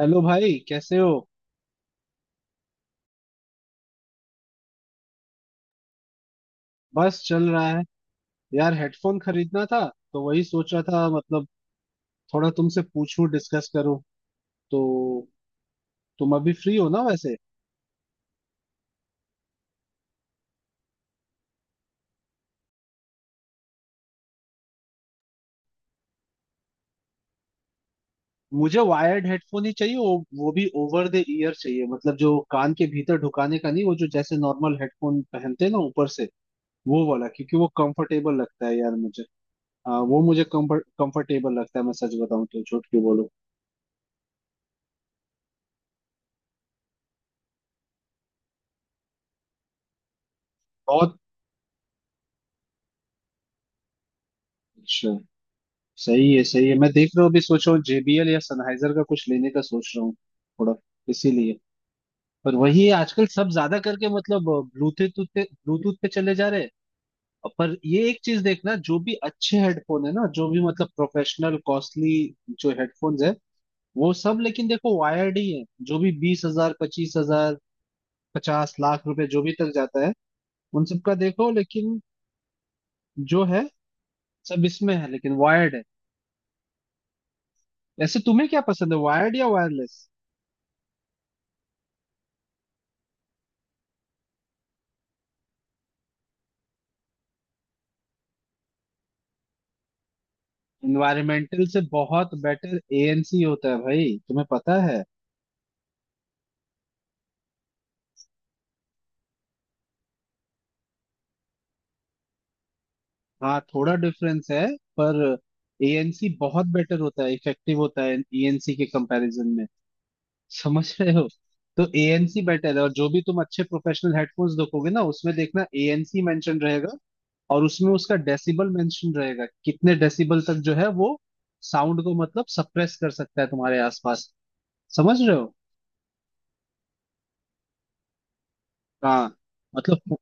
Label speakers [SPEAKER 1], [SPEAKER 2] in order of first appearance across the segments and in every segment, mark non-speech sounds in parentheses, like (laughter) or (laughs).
[SPEAKER 1] Hello भाई, कैसे हो? बस चल रहा है। यार, हेडफोन खरीदना था तो वही सोच रहा था, मतलब थोड़ा तुमसे पूछूं, डिस्कस करूं तो। तुम अभी फ्री हो ना वैसे? मुझे वायर्ड हेडफोन ही चाहिए, वो भी ओवर द ईयर चाहिए, मतलब जो कान के भीतर ढुकाने का नहीं, वो जो जैसे नॉर्मल हेडफोन पहनते हैं ना ऊपर से वो वाला, क्योंकि वो कंफर्टेबल लगता है यार मुझे। हाँ, वो मुझे कंफर्टेबल लगता है, मैं सच बताऊं तो झूठ क्यों बोलूं। बहुत अच्छा। सही है, सही है। मैं देख रहा हूँ, अभी सोच रहा हूँ जेबीएल या सनहाइजर का कुछ लेने का सोच रहा हूँ थोड़ा, इसीलिए। पर वही है, आजकल सब ज्यादा करके मतलब ब्लूटूथ पे चले जा रहे हैं। पर ये एक चीज देखना, जो भी अच्छे हेडफोन है ना, जो भी मतलब प्रोफेशनल कॉस्टली जो हेडफोन्स है, वो सब लेकिन देखो वायर्ड ही है। जो भी 20 हजार, 25 हजार, 50 लाख रुपए जो भी तक जाता है, उन सबका देखो लेकिन, जो है, सब इसमें है लेकिन वायर्ड है। ऐसे तुम्हें क्या पसंद है, वायर्ड या वायरलेस? इन्वायरमेंटल से बहुत बेटर एएनसी होता है भाई, तुम्हें पता है। हाँ, थोड़ा डिफरेंस है, पर एएनसी बहुत बेटर होता है, इफेक्टिव होता है एएनसी के कंपैरिजन में। समझ रहे हो? तो एएनसी बेटर है, और जो भी तुम अच्छे प्रोफेशनल हेडफोन्स देखोगे ना उसमें देखना एएनसी मेंशन रहेगा। और उसमें उसका डेसिबल मेंशन रहेगा, कितने डेसिबल तक जो है वो साउंड को मतलब सप्रेस कर सकता है तुम्हारे आसपास। समझ रहे हो? हाँ। मतलब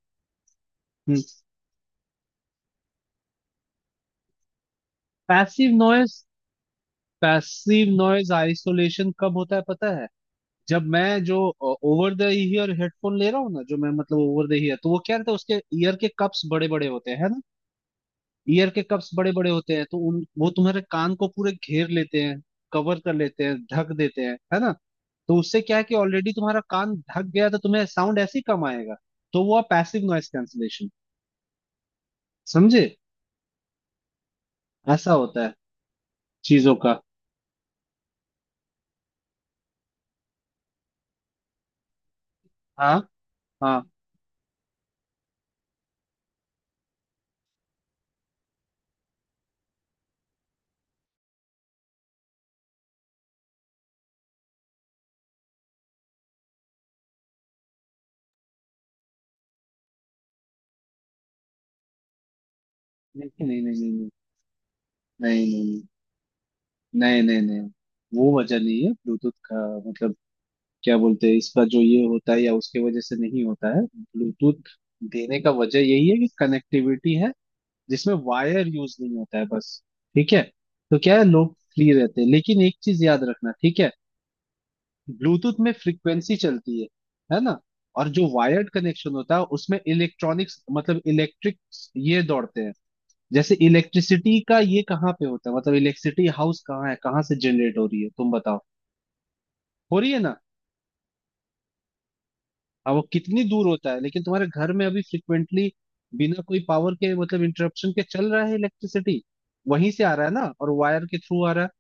[SPEAKER 1] passive noise, passive noise isolation कब होता है पता है? जब मैं जो ओवर द ईयर हेडफोन ले रहा हूँ ना, जो मैं मतलब ओवर द ईयर, तो वो क्या रहता है, उसके ईयर के कप्स बड़े बड़े होते हैं, है ना? ईयर के कप्स बड़े बड़े होते हैं तो उन वो तुम्हारे कान को पूरे घेर लेते हैं, कवर कर लेते हैं, ढक देते हैं, है ना? तो उससे क्या है कि ऑलरेडी तुम्हारा कान ढक गया तो तुम्हें साउंड ऐसे ही कम आएगा। तो वो पैसिव नॉइज कैंसलेशन, समझे, ऐसा होता है चीजों का। हाँ हाँ। नहीं नहीं नहीं नहीं नहीं, नहीं नहीं नहीं नहीं नहीं, वो वजह नहीं है ब्लूटूथ का। मतलब क्या बोलते हैं इसका, जो ये होता है या उसके वजह से नहीं होता है। ब्लूटूथ देने का वजह यही है कि कनेक्टिविटी है जिसमें वायर यूज नहीं होता है, बस। ठीक है? तो क्या है लोग फ्री रहते हैं, लेकिन एक चीज याद रखना ठीक है। ब्लूटूथ में फ्रिक्वेंसी चलती है ना? और जो वायर्ड कनेक्शन होता है उसमें इलेक्ट्रॉनिक्स मतलब इलेक्ट्रिक ये दौड़ते हैं। जैसे इलेक्ट्रिसिटी का ये कहाँ पे होता है, मतलब इलेक्ट्रिसिटी हाउस कहाँ है, कहाँ से जनरेट हो रही है, तुम बताओ, हो रही है ना? अब वो कितनी दूर होता है लेकिन तुम्हारे घर में अभी फ्रिक्वेंटली बिना कोई पावर के मतलब इंटरप्शन के चल रहा है इलेक्ट्रिसिटी, वहीं से आ रहा है ना, और वायर के थ्रू आ रहा है।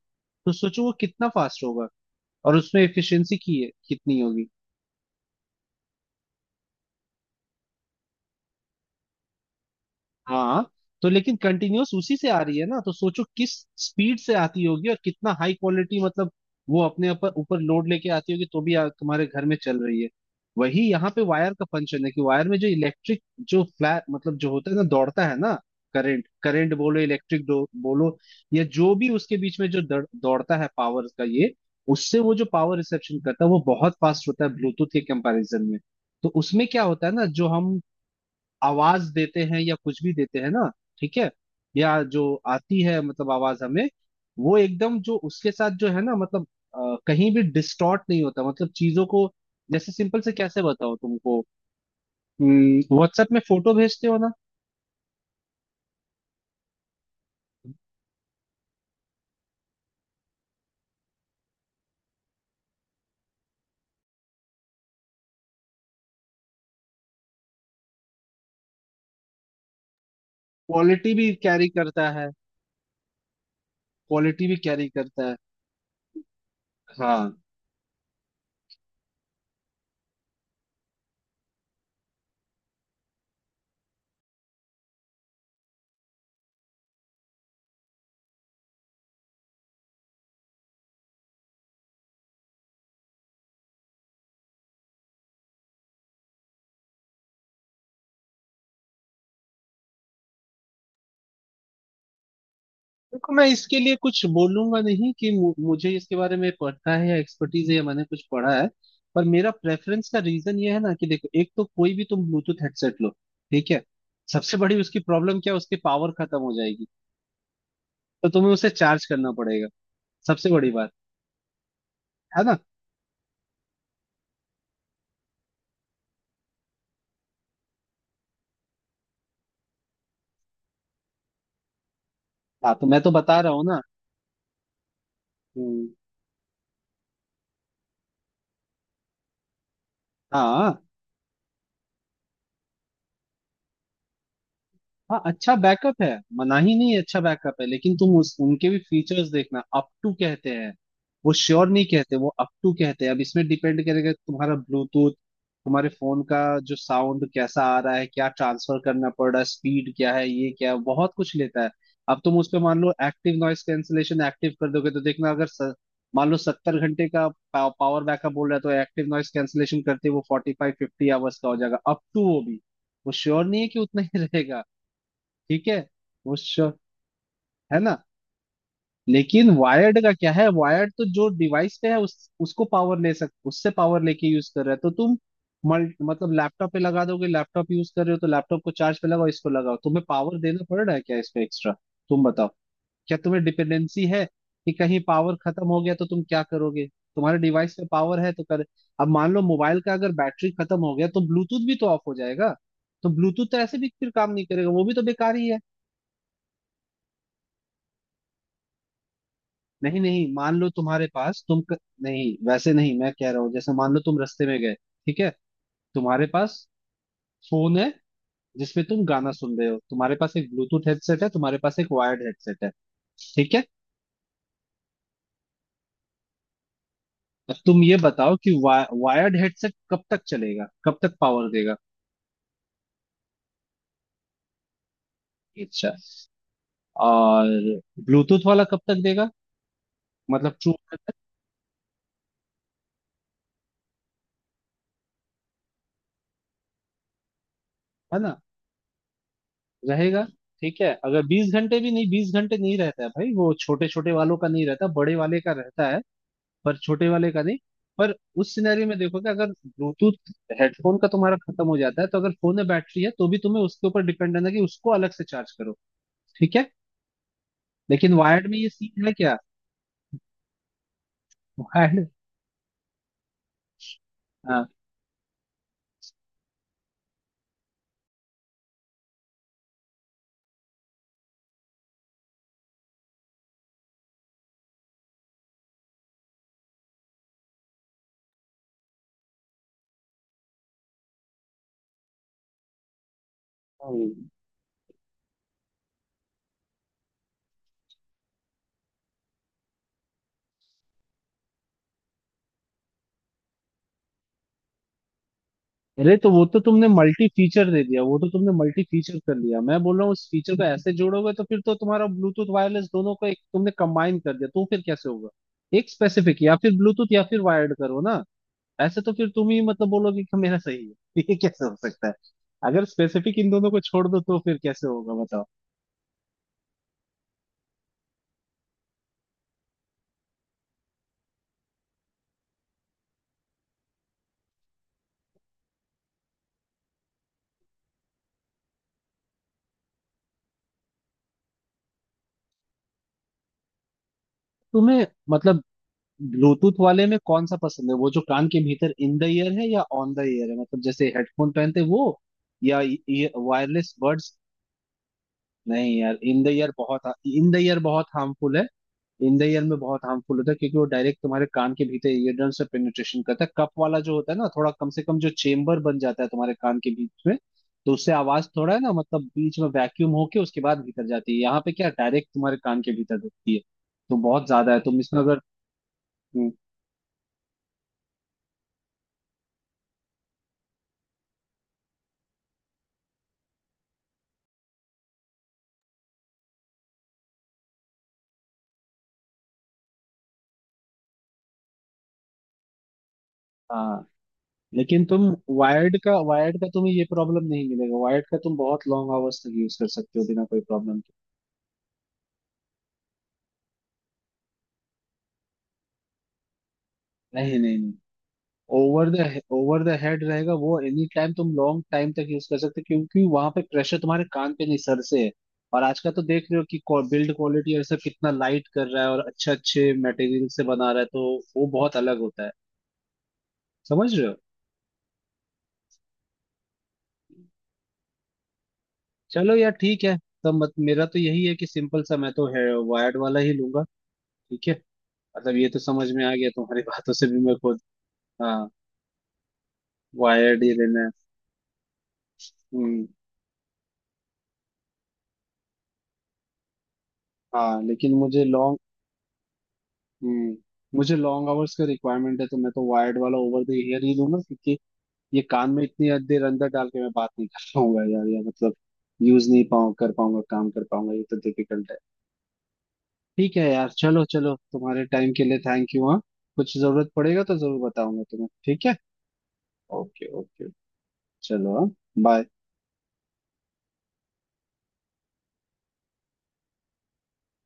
[SPEAKER 1] तो सोचो वो कितना फास्ट होगा, और उसमें एफिशिएंसी की है कितनी होगी। हाँ। तो लेकिन कंटिन्यूअस उसी से आ रही है ना, तो सोचो किस स्पीड से आती होगी, और कितना हाई क्वालिटी, मतलब वो अपने ऊपर ऊपर लोड लेके आती होगी तो भी तुम्हारे घर में चल रही है। वही यहाँ पे वायर का फंक्शन है कि वायर में जो इलेक्ट्रिक, जो फ्लैट मतलब जो होता है ना दौड़ता है ना, करंट करंट बोलो, इलेक्ट्रिक बोलो, या जो भी उसके बीच में जो दौड़ता है पावर का, ये उससे वो जो पावर रिसेप्शन करता है वो बहुत फास्ट होता है ब्लूटूथ के कंपैरिजन में। तो उसमें क्या होता है ना, जो हम आवाज देते हैं या कुछ भी देते हैं ना, ठीक है, या जो आती है मतलब आवाज हमें, वो एकदम जो उसके साथ जो है ना, मतलब कहीं भी डिस्टॉर्ट नहीं होता मतलब चीजों को। जैसे सिंपल से कैसे बताओ तुमको, व्हाट्सएप में फोटो भेजते हो ना, क्वालिटी भी कैरी करता है, क्वालिटी भी कैरी करता है। हाँ। देखो, मैं इसके लिए कुछ बोलूंगा नहीं कि मुझे इसके बारे में पढ़ना है या एक्सपर्टीज है या मैंने कुछ पढ़ा है। पर मेरा प्रेफरेंस का रीजन ये है ना कि देखो, एक तो कोई भी तुम ब्लूटूथ हेडसेट लो, ठीक है, सबसे बड़ी उसकी प्रॉब्लम क्या है? उसकी पावर खत्म हो जाएगी, तो तुम्हें उसे चार्ज करना पड़ेगा, सबसे बड़ी बात, है ना? हाँ तो मैं तो बता रहा हूँ ना। हम्म। हाँ हाँ, अच्छा बैकअप है, मना ही नहीं है, अच्छा बैकअप है, लेकिन तुम उस उनके भी फीचर्स देखना अप टू कहते हैं, वो श्योर नहीं कहते, वो अप टू कहते हैं। अब इसमें डिपेंड करेगा तुम्हारा ब्लूटूथ, तुम्हारे फोन का, जो साउंड कैसा आ रहा है, क्या ट्रांसफर करना पड़ रहा है, स्पीड क्या है, ये क्या है, बहुत कुछ लेता है। अब तुम उस पे मान लो एक्टिव नॉइस कैंसिलेशन एक्टिव कर दोगे तो देखना, अगर मान लो 70 घंटे का पावर बैकअप बोल रहा है, तो एक्टिव नॉइस कैंसिलेशन करते ही वो 45-50 आवर्स का हो जाएगा, अप टू वो भी। वो श्योर नहीं है कि उतना ही (laughs) रहेगा। ठीक है? वो श्योर, है ना? लेकिन वायर्ड का क्या है, वायर्ड तो जो डिवाइस पे है उस उसको पावर ले सक उससे पावर लेके यूज कर रहा है, तो तुम मतलब लैपटॉप पे लगा दोगे, लैपटॉप यूज कर रहे हो तो लैपटॉप को चार्ज पे लगाओ, इसको लगाओ, तुम्हें पावर देना पड़ रहा है क्या इसको एक्स्ट्रा? तुम बताओ, क्या तुम्हें डिपेंडेंसी है कि कहीं पावर खत्म हो गया तो तुम क्या करोगे? तुम्हारे डिवाइस पे पावर है तो कर। अब मान लो मोबाइल का अगर बैटरी खत्म हो गया तो ब्लूटूथ भी तो ऑफ हो जाएगा, तो ब्लूटूथ तो ऐसे भी फिर काम नहीं करेगा, वो भी तो बेकार ही है। नहीं नहीं मान लो तुम्हारे पास नहीं वैसे नहीं, मैं कह रहा हूँ जैसे मान लो तुम रास्ते में गए, ठीक है, तुम्हारे पास फोन है जिसमें तुम गाना सुन रहे हो, तुम्हारे पास एक ब्लूटूथ हेडसेट है, तुम्हारे पास एक वायर्ड हेडसेट है, ठीक है। अब तुम ये बताओ कि वायर्ड हेडसेट कब तक चलेगा, कब तक पावर देगा? अच्छा, और ब्लूटूथ वाला कब तक देगा, मतलब ट्रू? है ना? रहेगा। ठीक है, अगर 20 घंटे भी नहीं, 20 घंटे नहीं रहता है भाई वो, छोटे छोटे वालों का नहीं रहता, बड़े वाले का रहता है, पर छोटे वाले का नहीं। पर उस सिनेरियो में देखो कि अगर ब्लूटूथ हेडफोन का तुम्हारा खत्म हो जाता है, तो अगर फोन में बैटरी है तो भी तुम्हें उसके ऊपर डिपेंड रहना है कि उसको अलग से चार्ज करो। ठीक है, लेकिन वायर्ड में ये सीन है क्या? वायर्ड। हाँ। अरे तो वो तो तुमने मल्टी फीचर दे दिया, वो तो तुमने मल्टी फीचर कर लिया, मैं बोल रहा हूँ उस फीचर को ऐसे जोड़ोगे तो फिर तो तुम्हारा ब्लूटूथ वायरलेस दोनों को एक तुमने कंबाइन कर दिया, तो फिर कैसे होगा? एक स्पेसिफिक, या फिर ब्लूटूथ या फिर वायर्ड करो ना। ऐसे तो फिर तुम ही मतलब बोलोगे कि मेरा सही है (laughs) ये कैसे हो सकता है? अगर स्पेसिफिक इन दोनों को छोड़ दो तो फिर कैसे होगा बताओ। तुम्हें मतलब ब्लूटूथ वाले में कौन सा पसंद है, वो जो कान के भीतर इन द ईयर है, या ऑन द ईयर है मतलब जैसे हेडफोन पहनते हैं वो, या वायरलेस बड्स? नहीं यार, इन द ईयर बहुत, इन द ईयर बहुत हार्मफुल है, इन द ईयर में बहुत हार्मफुल होता है क्योंकि वो डायरेक्ट तुम्हारे कान के भीतर ईयर ड्रम से पेनिट्रेशन करता है। कप वाला जो होता है ना थोड़ा, कम से कम जो चेम्बर बन जाता है तुम्हारे कान के बीच में, तो उससे आवाज थोड़ा, है ना, मतलब बीच में वैक्यूम होके उसके बाद भीतर जाती है, यहाँ पे क्या डायरेक्ट तुम्हारे कान के भीतर ढुकती है। तो बहुत ज्यादा है तुम इसमें अगर। हम्म। हाँ, लेकिन तुम वायर्ड का, वायर्ड का तुम्हें ये प्रॉब्लम नहीं मिलेगा, वायर्ड का तुम बहुत लॉन्ग आवर्स तक यूज कर सकते हो बिना कोई प्रॉब्लम के। नहीं नहीं नहीं। ओवर द हेड रहेगा वो एनी टाइम, तुम लॉन्ग टाइम तक यूज कर सकते हो, क्योंकि वहां पे प्रेशर तुम्हारे कान पे नहीं, सर से है। और आज का तो देख रहे हो कि बिल्ड क्वालिटी और सब कितना लाइट कर रहा है, और अच्छे अच्छे मटेरियल से बना रहा है, तो वो बहुत अलग होता है। समझ रहे हो? चलो यार ठीक है। तो मत, मेरा तो यही है कि सिंपल सा मैं तो है, वायर्ड वाला ही लूंगा। ठीक है, मतलब ये तो समझ में आ गया तुम्हारी बातों से भी मैं खुद। हाँ। वायर्ड ही लेना है। हम्म। हाँ लेकिन मुझे लॉन्ग, हम्म, मुझे लॉन्ग आवर्स का रिक्वायरमेंट है, तो मैं तो वायर्ड वाला ओवर द ईयर ही लूंगा, क्योंकि ये कान में इतनी देर अंदर डाल के मैं बात नहीं कर पाऊंगा यार, या मतलब यूज नहीं पाऊँ कर पाऊंगा, काम कर पाऊंगा, ये तो डिफिकल्ट है। ठीक है यार, चलो चलो, तुम्हारे टाइम के लिए थैंक यू। हाँ, कुछ जरूरत पड़ेगा तो जरूर बताऊंगा तुम्हें, ठीक है। ओके ओके, चलो, हाँ, बाय।